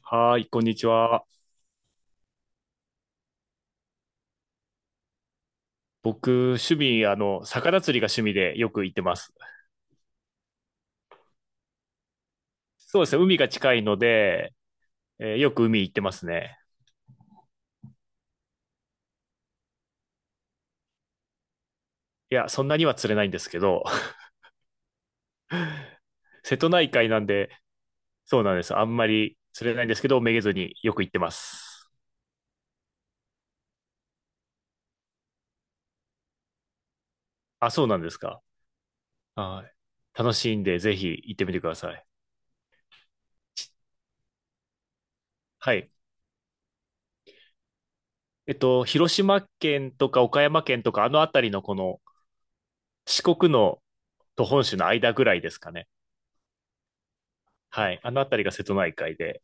はーい、こんにちは。僕、趣味、あの、魚釣りが趣味でよく行ってます。そうですね、海が近いので、よく海行ってますね。いや、そんなには釣れないんですけど、瀬戸内海なんで、そうなんです。あんまり釣れないんですけど、めげずによく行ってます。あ、そうなんですか？はい。楽しいんで、ぜひ行ってみてください。ちはい。広島県とか岡山県とか、あの辺りのこの四国のと本州の間ぐらいですかね。はい。あの辺りが瀬戸内海で。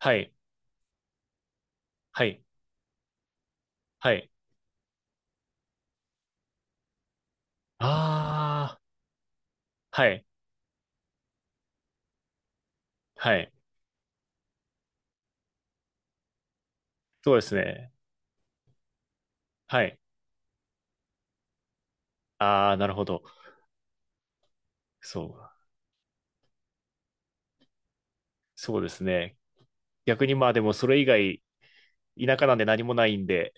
はい。はい。はい。ああ、はい。はい。そうですね。はい。ああ、なるほど。そう。そうですね。逆にまあでもそれ以外、田舎なんで何もないんで、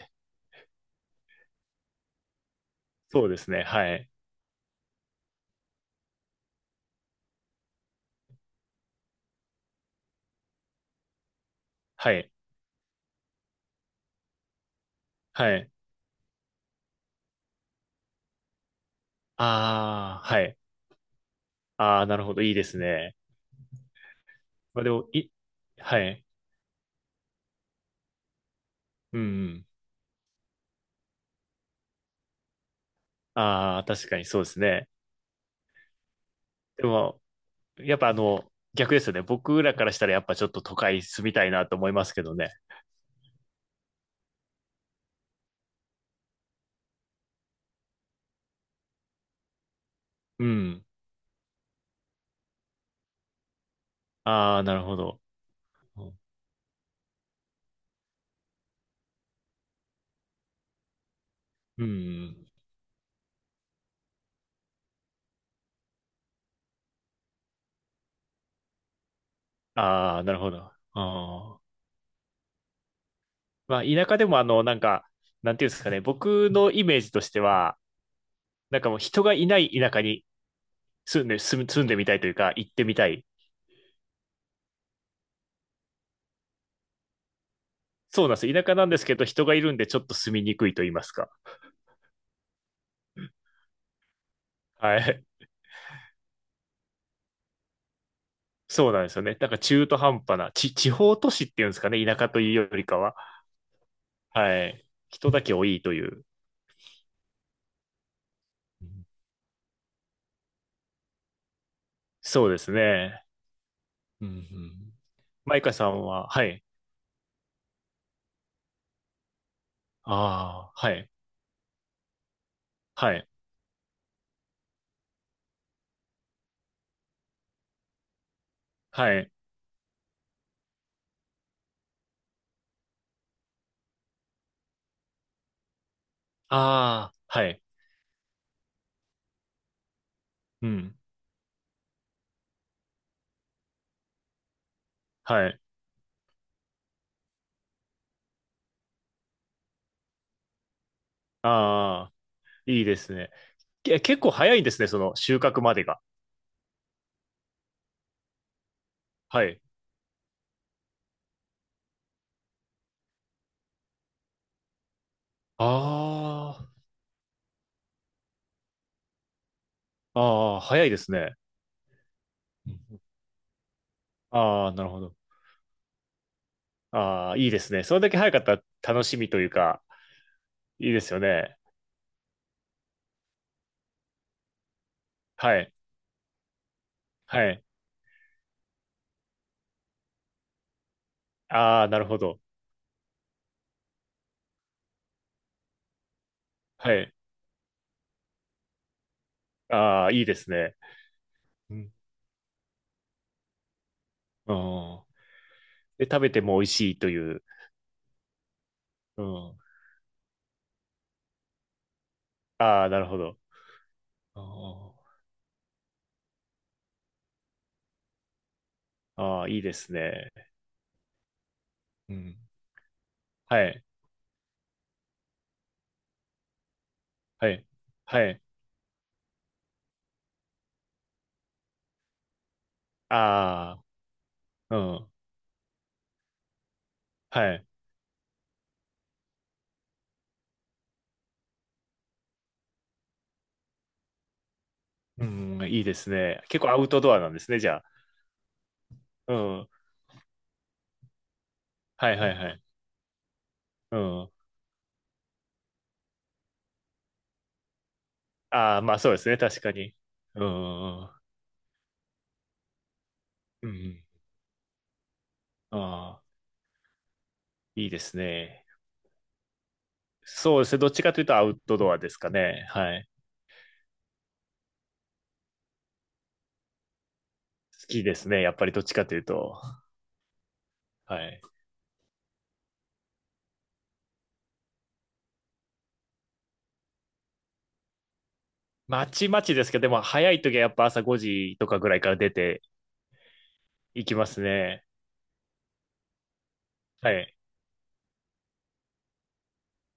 そうですね。はい。はい。はい。ああ、はい。ああ、なるほど。いいですね。まあでも、はい。うん。ああ、確かにそうですね。でも、やっぱ逆ですよね。僕らからしたらやっぱちょっと都会住みたいなと思いますけどね。うん。ああ、なるほど。うん。うん。ああ、なるほど。あー、まあ、田舎でもなんか、なんていうんですかね、僕のイメージとしては、なんかもう人がいない田舎に住んでみたいというか、行ってみたい。そうなんです。田舎なんですけど、人がいるんでちょっと住みにくいと言いますか。はい。そうなんですよね。なんか中途半端な、地方都市っていうんですかね、田舎というよりかは。はい。人だけ多いという。うん。そうですね。うんうん。マイカさんは、はい。ああ、はい。はい。はい。ああ、はい。うん。はい。ああ、いいですね。結構早いんですね、その収穫までが。はい。ああ、ああ、早いですね。うん。ああ、なるほど。ああ、いいですね。それだけ早かったら楽しみというか、いいですよね。はい。はい。ああ、なるほど。はい。ああ、いいですね。うん、うん。で、食べても美味しいという。うん。ああ、なるほど。ああ、ああいいですね。うん。はい。はい。はい。ああ、うん。はい。うん、いいですね。結構アウトドアなんですね、じゃあ。うん。はいはいはい。うん。ああ、まあそうですね、確かに。うん。うん。ああ、いいですね。そうですね、どっちかというとアウトドアですかね。はい。好きですね、やっぱりどっちかというと。はい。まちまちですけど、でも早い時はやっぱ朝5時とかぐらいから出ていきますね。はい。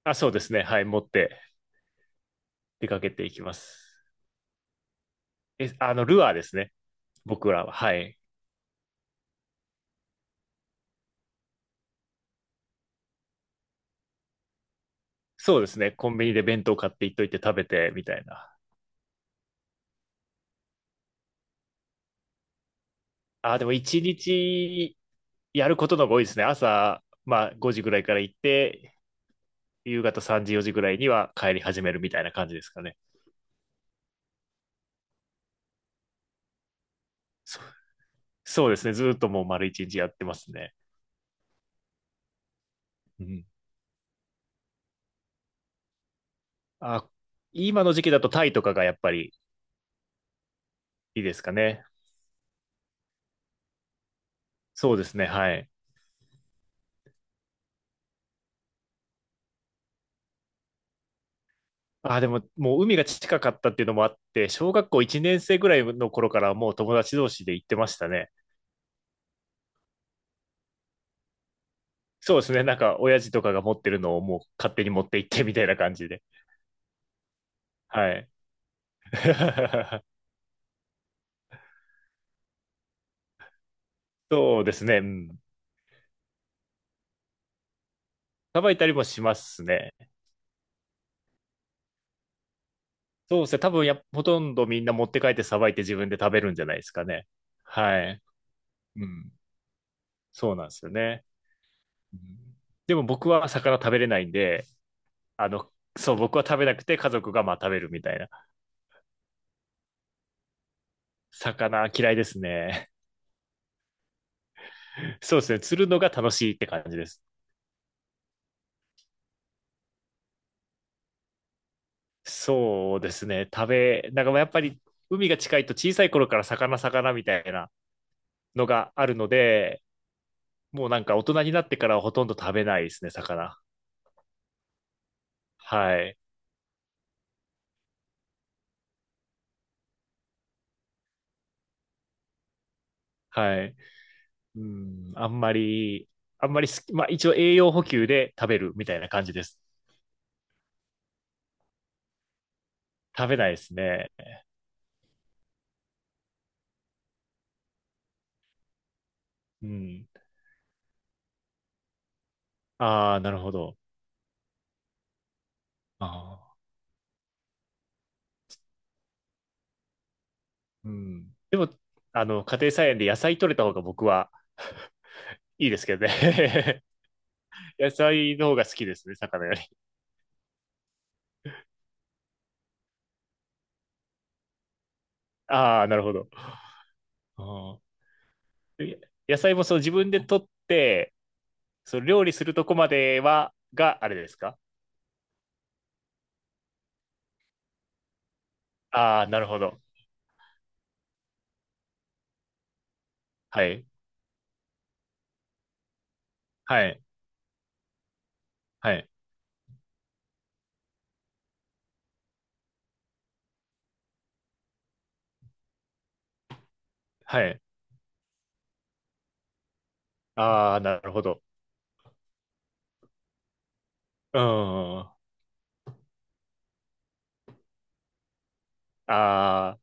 あ、そうですね、はい、持って出かけていきます。え、あの、ルアーですね、僕らは。はい。そうですね。コンビニで弁当買っていっといて食べてみたいな。あーでも一日やることの方が多いですね。朝、まあ5時ぐらいから行って、夕方3時、4時ぐらいには帰り始めるみたいな感じですかね。そ、そうですね。ずーっともう丸一日やってますね。うん。あ、今の時期だとタイとかがやっぱりいいですかね。そうですね。はい。あ、でももう海が近かったっていうのもあって、小学校1年生ぐらいの頃からもう友達同士で行ってましたね。そうですね。なんか、親父とかが持ってるのをもう勝手に持って行ってみたいな感じで。はい。そうですね。うん。さばいたりもしますね。そうですね。多分ほとんどみんな持って帰ってさばいて自分で食べるんじゃないですかね。はい。うん。そうなんですよね。うん。でも僕は魚食べれないんで、あの、そう、僕は食べなくて家族がまあ食べるみたいな。魚嫌いですね。そうですね。釣るのが楽しいって感じです。そうですね。なんかまあやっぱり海が近いと小さい頃から魚魚みたいなのがあるので、もうなんか大人になってからはほとんど食べないですね、魚。はい。はい。うん、あんまり好き、まあ一応栄養補給で食べるみたいな感じです。食べないですね。うん。ああ、なるほど。ああ、うん。でも、家庭菜園で野菜取れた方が僕はいいですけどね。野菜の方が好きですね、魚より。ああ、なるほど。ああ、え野菜もそう自分で取って、そう料理するとこまでは、あれですか？ああー、なるほど。はい。はい。はい。はい。ああ、なるほど。うん。ああ。